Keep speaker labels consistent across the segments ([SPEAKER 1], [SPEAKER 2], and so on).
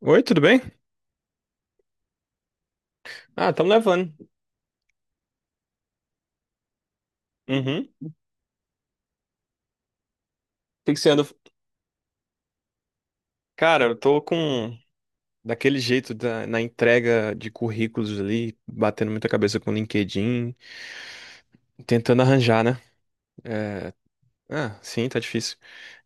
[SPEAKER 1] Oi, tudo bem? Ah, estamos levando. Uhum. O que que você anda? Cara, eu tô com daquele jeito na entrega de currículos ali, batendo muita cabeça com o LinkedIn, tentando arranjar, né? É. Ah, sim, tá difícil.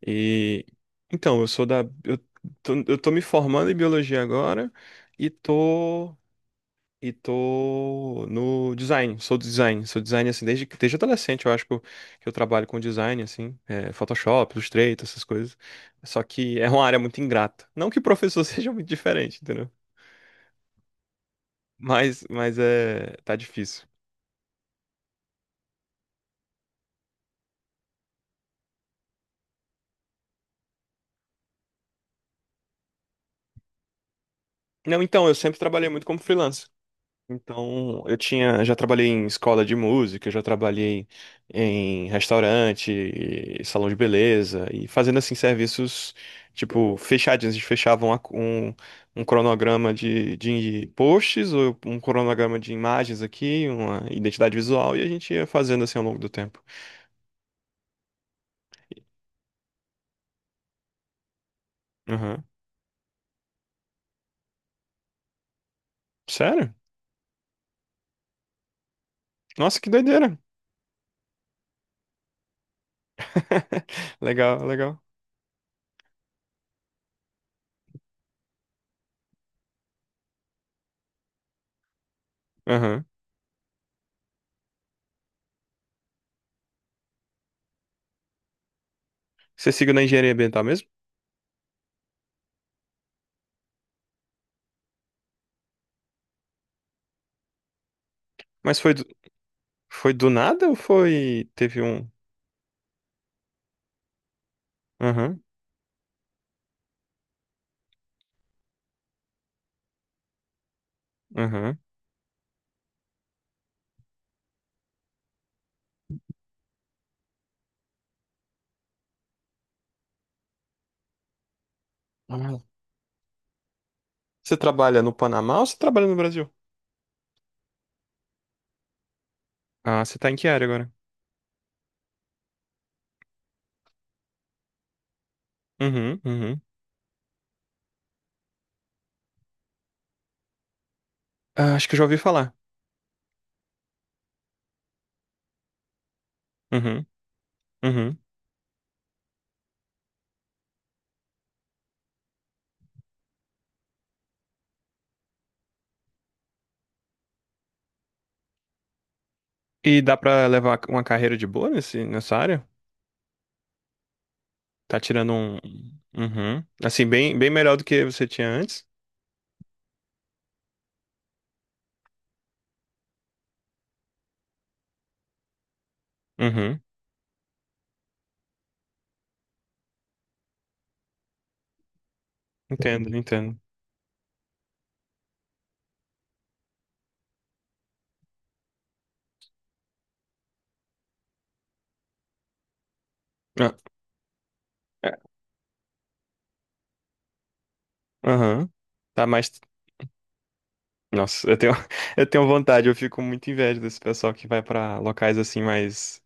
[SPEAKER 1] E então, eu sou da eu eu tô me formando em biologia agora e tô E tô no design, sou do design, sou design assim desde adolescente, eu acho que eu trabalho com design assim, é, Photoshop, Illustrator, essas coisas. Só que é uma área muito ingrata. Não que o professor seja muito diferente, entendeu? Mas é, tá difícil. Não, então, eu sempre trabalhei muito como freelancer. Então, eu tinha, já trabalhei em escola de música, já trabalhei em restaurante, e salão de beleza e fazendo assim serviços tipo fechadinhos, a gente fechava um cronograma de posts ou um cronograma de imagens aqui, uma identidade visual e a gente ia fazendo assim ao longo do tempo. Aham. Sério? Nossa, que doideira. Legal, legal. Aham. Você seguiu na engenharia ambiental mesmo? Mas foi do nada ou foi teve um. Aham. Aham. Ah, você trabalha no Panamá ou você trabalha no Brasil? Ah, você tá em que área agora? Uhum, uhum. Ah, acho que eu já ouvi falar. Uhum, uhum. E dá pra levar uma carreira de boa nessa área? Tá tirando um. Uhum. Assim, bem, bem melhor do que você tinha antes? Uhum. Entendo, entendo. Ah, é. Aham. Tá mais. Nossa, eu tenho, eu tenho vontade, eu fico muito inveja desse pessoal que vai pra locais assim mais.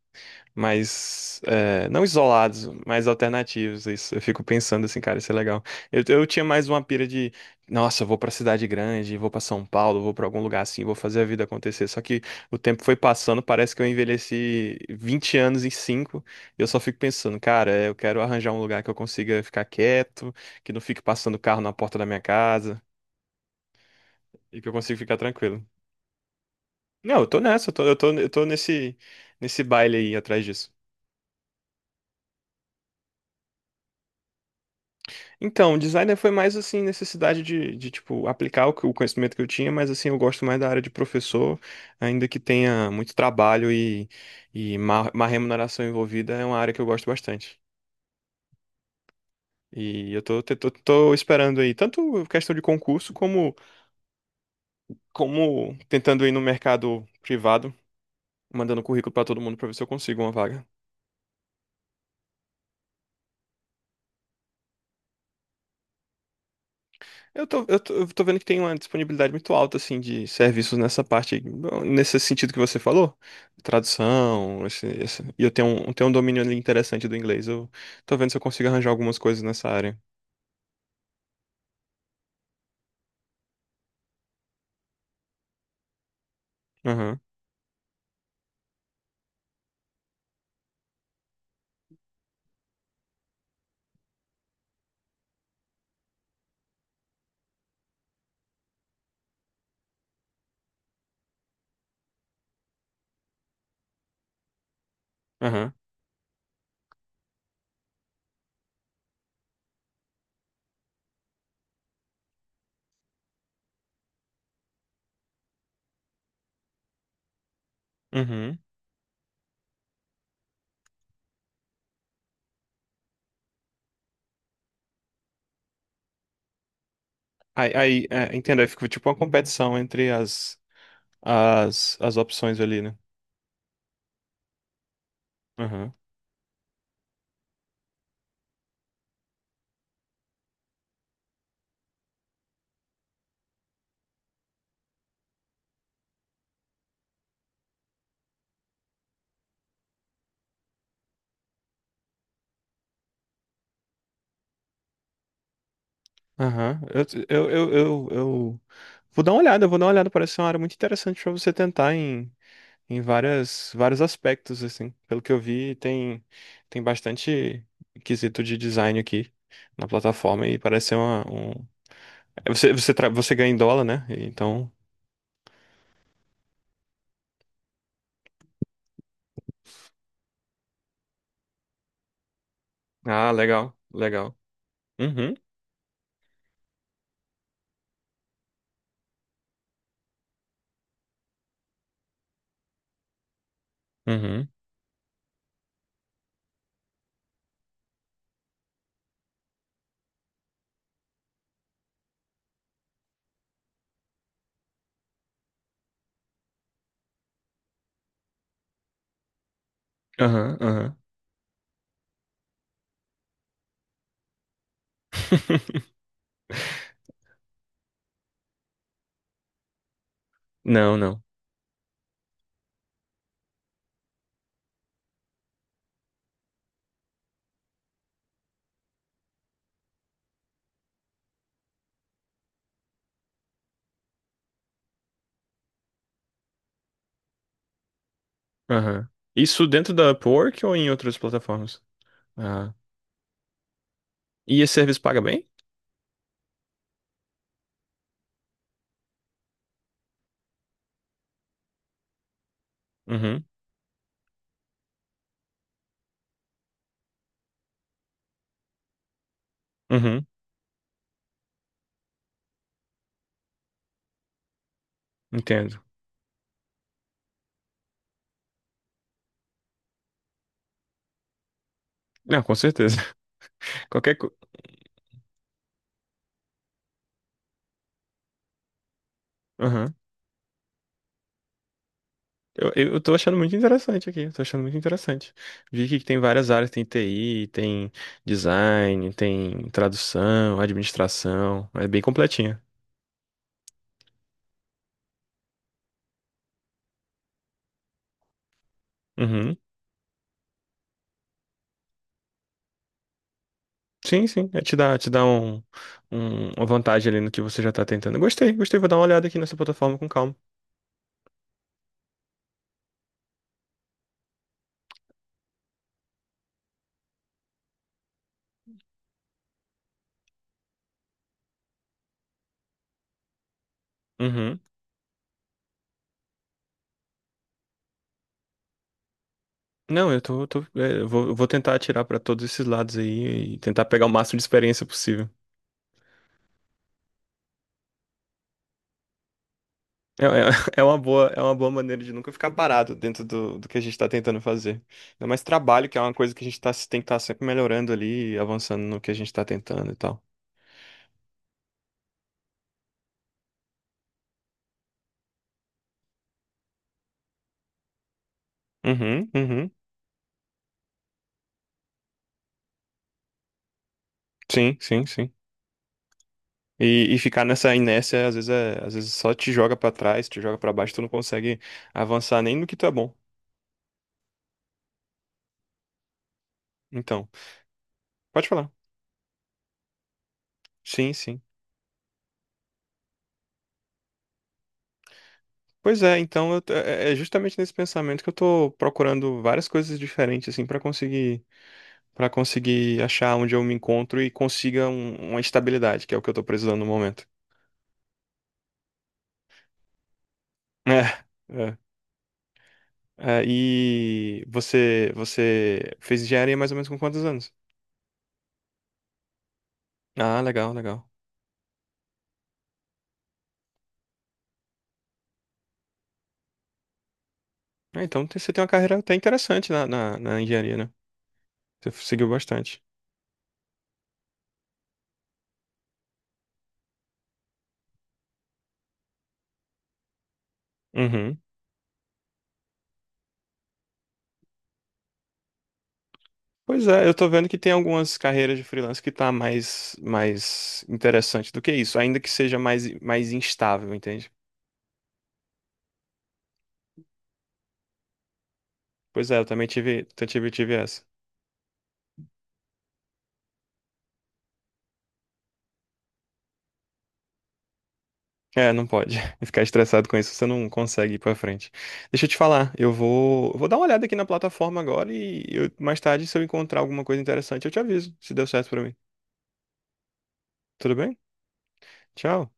[SPEAKER 1] Não isolados, mas alternativos. Isso, eu fico pensando assim, cara, isso é legal. Eu tinha mais uma pira de, nossa, eu vou pra cidade grande, vou pra São Paulo, vou pra algum lugar assim, vou fazer a vida acontecer. Só que o tempo foi passando, parece que eu envelheci 20 anos em 5. E eu só fico pensando, cara, é, eu quero arranjar um lugar que eu consiga ficar quieto, que não fique passando carro na porta da minha casa, e que eu consiga ficar tranquilo. Não, eu tô nessa, eu tô nesse baile aí atrás disso. Então, designer foi mais assim, necessidade de tipo, aplicar o conhecimento que eu tinha, mas assim, eu gosto mais da área de professor, ainda que tenha muito trabalho e má remuneração envolvida, é uma área que eu gosto bastante. E eu tô esperando aí, tanto questão de concurso, como, como tentando ir no mercado privado, mandando currículo pra todo mundo pra ver se eu consigo uma vaga. Eu tô vendo que tem uma disponibilidade muito alta, assim, de serviços nessa parte, aí, nesse sentido que você falou, tradução, e eu tenho um domínio ali interessante do inglês, eu tô vendo se eu consigo arranjar algumas coisas nessa área. Aham, aham, uhum. É, entendo, aí fica tipo uma competição entre as opções ali, né? Aham, aham. Eu vou dar uma olhada, eu vou dar uma olhada, parece ser uma área muito interessante pra você tentar em vários aspectos, assim. Pelo que eu vi, tem, tem bastante quesito de design aqui na plataforma e parece ser uma, um... é, você ganha em dólar, né? Então... Ah, legal, legal. Uhum, uhum, aham, aham. Não, não. Aham. Isso dentro da Upwork ou em outras plataformas? Ah. E esse serviço paga bem? Uhum, uhum, entendo. Não, com certeza. Qualquer coisa. Eu tô achando muito interessante aqui, eu tô achando muito interessante. Vi que tem várias áreas, tem TI, tem design, tem tradução, administração, é bem completinha. Uhum. Sim, sim, é, te dá uma vantagem ali no que você já tá tentando. Gostei, gostei, vou dar uma olhada aqui nessa plataforma com calma. Uhum. Não, é, eu vou tentar atirar pra todos esses lados aí e tentar pegar o máximo de experiência possível. É, é, é uma boa maneira de nunca ficar parado dentro do que a gente está tentando fazer. Ainda mais trabalho, que é uma coisa que a gente tá, tem que estar sempre melhorando ali, avançando no que a gente está tentando e tal. Uhum, uhum. Sim, sim, sim. E ficar nessa inércia, às vezes, é, às vezes só te joga para trás, te joga para baixo, tu não consegue avançar nem no que tu é bom. Então, pode falar. Sim, sim. Pois é, então é é é justamente nesse pensamento que eu tô procurando várias coisas diferentes, assim, para conseguir. Para conseguir achar onde eu me encontro e consiga uma estabilidade, que é o que eu tô precisando no momento. É, é. É, e você fez engenharia mais ou menos com quantos anos? Ah, legal, legal. Ah, então você tem uma carreira até interessante na engenharia, né? Você seguiu bastante. Uhum. Pois é, eu tô vendo que tem algumas carreiras de freelance que tá mais, mais interessante do que isso, ainda que seja mais, mais instável, entende? Pois é, eu também tive, eu tive essa. É, não pode. Ficar estressado com isso, você não consegue ir pra frente. Deixa eu te falar, eu vou dar uma olhada aqui na plataforma agora mais tarde, se eu encontrar alguma coisa interessante, eu te aviso, se deu certo pra mim. Tudo bem? Tchau.